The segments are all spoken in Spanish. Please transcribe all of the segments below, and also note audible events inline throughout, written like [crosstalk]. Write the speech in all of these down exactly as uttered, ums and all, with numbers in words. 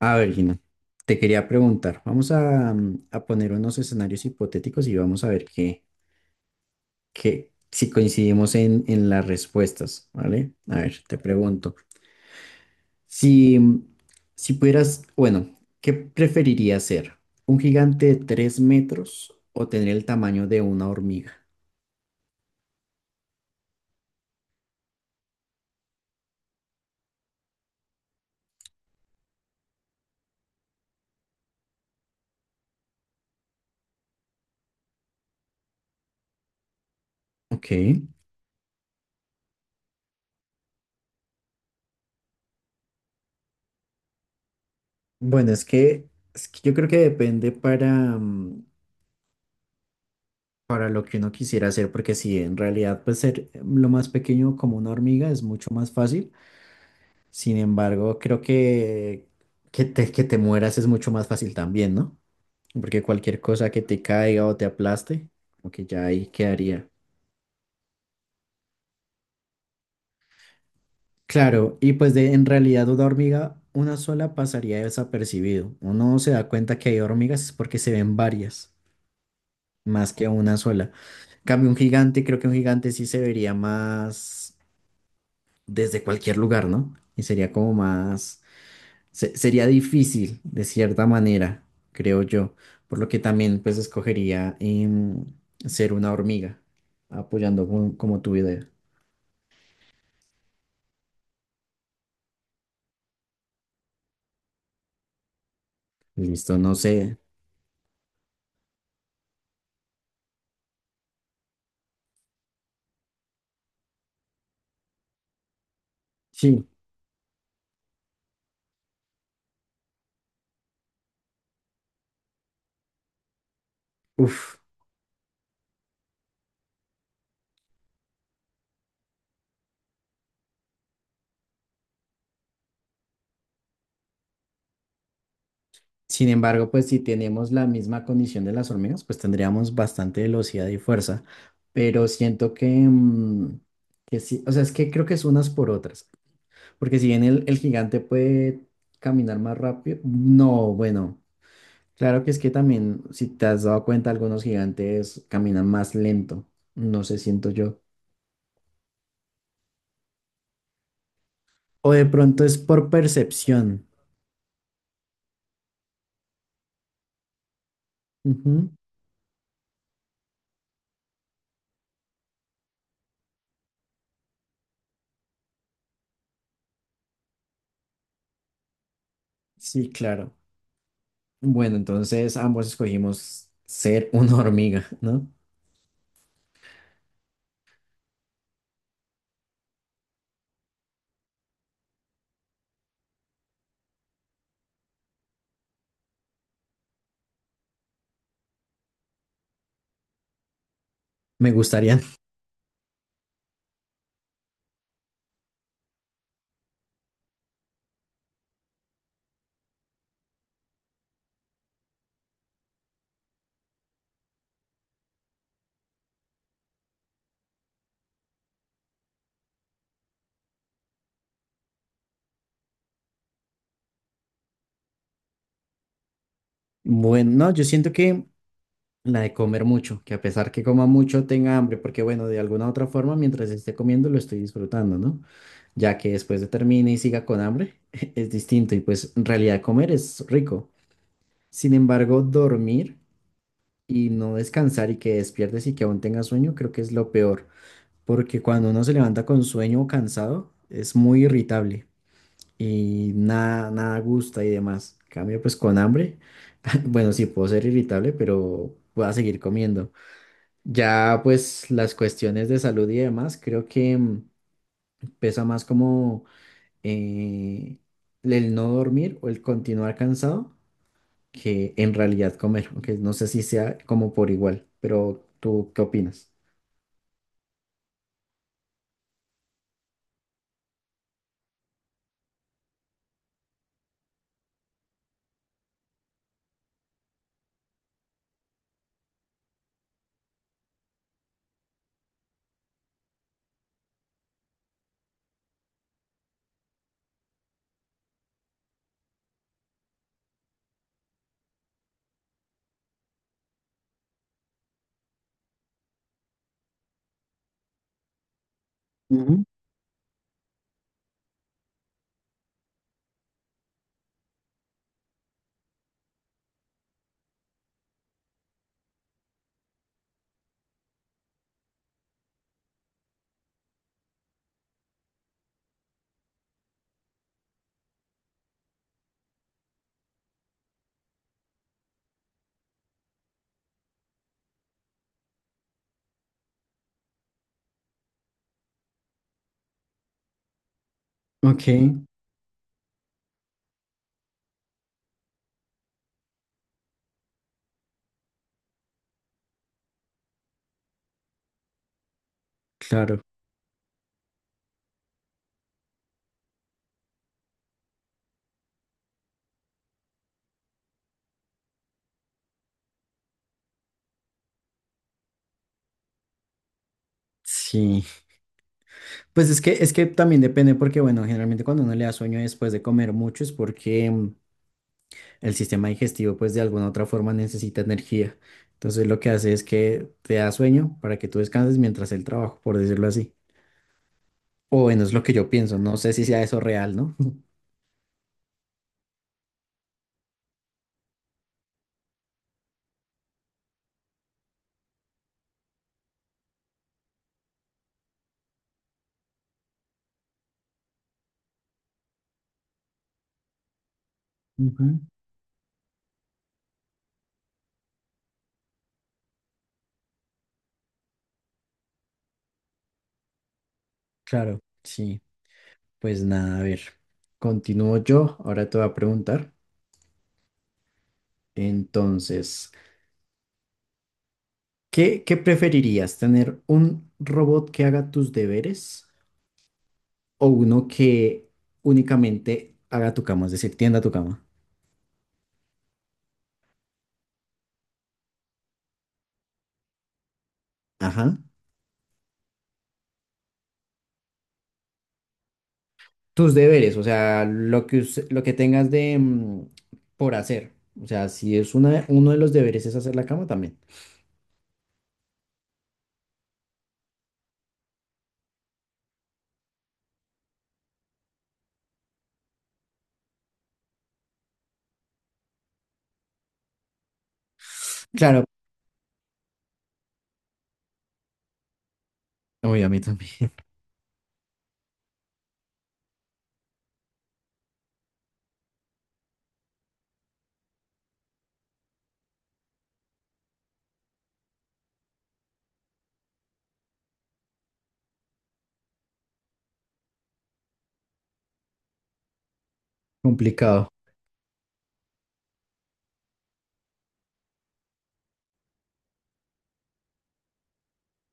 A ver, Gina, te quería preguntar, vamos a, mm, a poner unos escenarios hipotéticos y vamos a ver qué, qué, si coincidimos en, en las respuestas, ¿vale? A ver, te pregunto, si, mm, si pudieras, bueno, ¿qué preferirías ser? ¿Un gigante de tres metros o tener el tamaño de una hormiga? Ok, bueno, es que, es que yo creo que depende para, mm, para lo que uno quisiera hacer, porque si en realidad pues ser lo más pequeño como una hormiga es mucho más fácil. Sin embargo, creo que que te, que te mueras es mucho más fácil también, ¿no? Porque cualquier cosa que te caiga o te aplaste, como que ya ahí quedaría. Claro, y pues de en realidad una hormiga, una sola pasaría desapercibido. Uno se da cuenta que hay hormigas es porque se ven varias, más que una sola. En cambio, un gigante, creo que un gigante sí se vería más desde cualquier lugar, ¿no? Y sería como más se- sería difícil, de cierta manera, creo yo, por lo que también pues escogería em, ser una hormiga, apoyando con- como tu idea. Listo, no sé. Sí, uff. Sin embargo, pues si tenemos la misma condición de las hormigas, pues tendríamos bastante velocidad y fuerza, pero siento que, mm, que sí, o sea, es que creo que es unas por otras, porque si bien el, el gigante puede caminar más rápido, no, bueno. Claro que es que también, si te has dado cuenta, algunos gigantes caminan más lento, no sé, siento yo. O de pronto es por percepción. Ujú. Sí, claro. Bueno, entonces ambos escogimos ser una [laughs] hormiga, ¿no? Me gustaría. [laughs] Bueno, no, yo siento que la de comer mucho, que a pesar que coma mucho tenga hambre, porque bueno, de alguna otra forma, mientras esté comiendo lo estoy disfrutando, ¿no? Ya que después de termine y siga con hambre, [laughs] es distinto y pues en realidad comer es rico. Sin embargo, dormir y no descansar y que despiertes y que aún tengas sueño, creo que es lo peor, porque cuando uno se levanta con sueño o cansado, es muy irritable y nada, nada gusta y demás. En cambio pues con hambre, [laughs] bueno, sí puedo ser irritable, pero voy a seguir comiendo. Ya pues las cuestiones de salud y demás, creo que mm, pesa más como eh, el no dormir o el continuar cansado que en realidad comer, aunque no sé si sea como por igual, pero ¿tú qué opinas? Ujú. Ok, claro. Sí, pues es que es que también depende porque bueno, generalmente cuando uno le da sueño después de comer mucho es porque mm, el sistema digestivo pues de alguna otra forma necesita energía. Entonces lo que hace es que te da sueño para que tú descanses mientras el trabajo, por decirlo así. O bueno, es lo que yo pienso, no sé si sea eso real, ¿no? [laughs] Ujú. Claro, sí. Pues nada, a ver, continúo yo. Ahora te voy a preguntar. Entonces, ¿qué, qué preferirías? ¿Tener un robot que haga tus deberes o uno que únicamente haga tu cama, es decir, tienda tu cama? Ajá. Tus deberes, o sea, lo que, us- lo que tengas de mm, por hacer. O sea, si es una, uno de los deberes es hacer la cama también. Claro, uy, a mí también. [laughs] Complicado,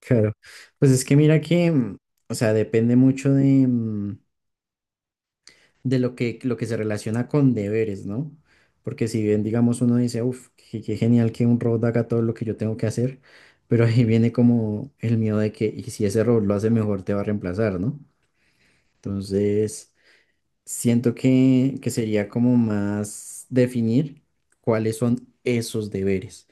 claro. Pues es que mira que, mm, o sea, depende mucho de, mm, de lo que, lo que se relaciona con deberes, ¿no? Porque si bien, digamos, uno dice, uff, qué, qué genial que un robot haga todo lo que yo tengo que hacer, pero ahí viene como el miedo de que, y si ese robot lo hace mejor, te va a reemplazar, ¿no? Entonces, siento que, que sería como más definir cuáles son esos deberes.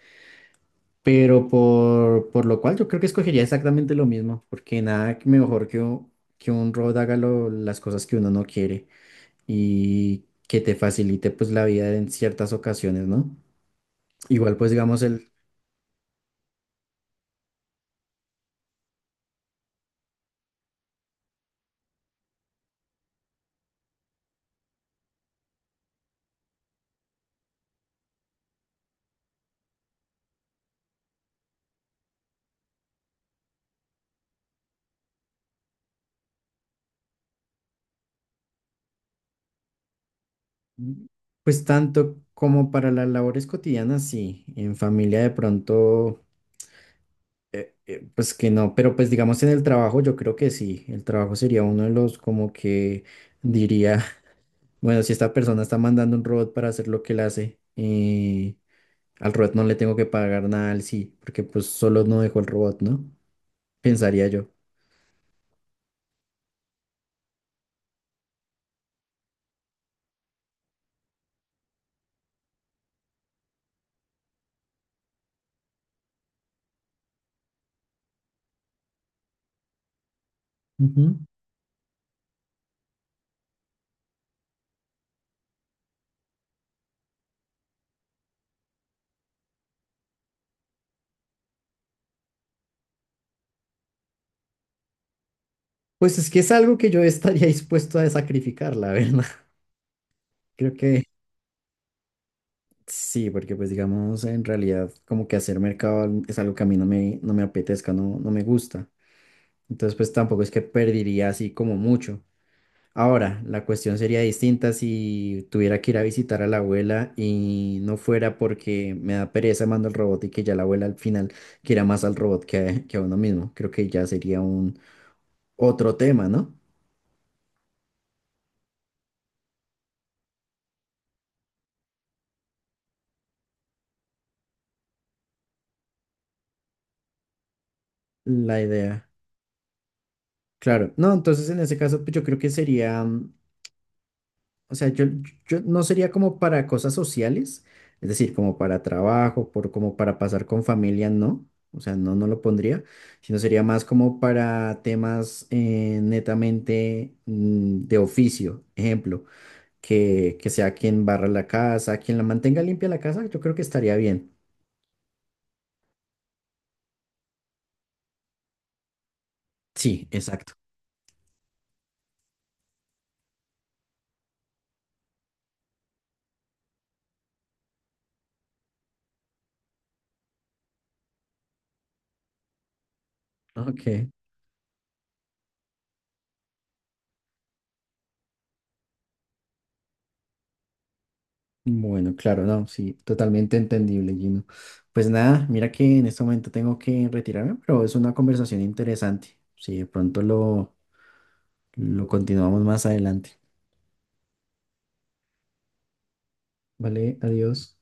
Pero por, por lo cual yo creo que escogería exactamente lo mismo, porque nada mejor que, un- que un robot haga lo- las cosas que uno no quiere y que te facilite pues la vida en ciertas ocasiones, ¿no? Igual pues digamos el, pues tanto como para las labores cotidianas, sí, en familia de pronto, eh, pues que no, pero pues digamos en el trabajo yo creo que sí, el trabajo sería uno de los como que diría, [laughs] bueno, si esta persona está mandando un robot para hacer lo que él hace, eh, al robot no le tengo que pagar nada al sí, porque pues solo no dejó el robot, ¿no? Pensaría yo. Pues es que es algo que yo estaría [laughs] dispuesto a sacrificar, la verdad. [laughs] Creo que sí, porque pues digamos, en realidad como que hacer mercado es algo que a mí no me, no me apetezca, no, no me gusta. Entonces pues tampoco es que perdería así como mucho. Ahora, la cuestión sería distinta si tuviera que ir a visitar a la abuela y no fuera porque me da pereza, mando el robot y que ya la abuela al final quiera más al robot que, a- que a uno mismo. Creo que ya sería un otro tema, ¿no? La idea. Claro, no, entonces en ese caso pues, yo creo que sería, mm, o sea, yo, yo no sería como para cosas sociales, es decir, como para trabajo, por, como para pasar con familia, no, o sea, no, no lo pondría, sino sería más como para temas eh, netamente mm, de oficio, ejemplo, que, que sea quien barra la casa, quien la mantenga limpia la casa, yo creo que estaría bien. Sí, exacto. [laughs] Ok. Bueno, claro, no, sí, totalmente entendible, Gino. Pues nada, mira que en este momento tengo que retirarme, pero es una conversación interesante. Si de pronto lo, lo continuamos más adelante. Vale, adiós.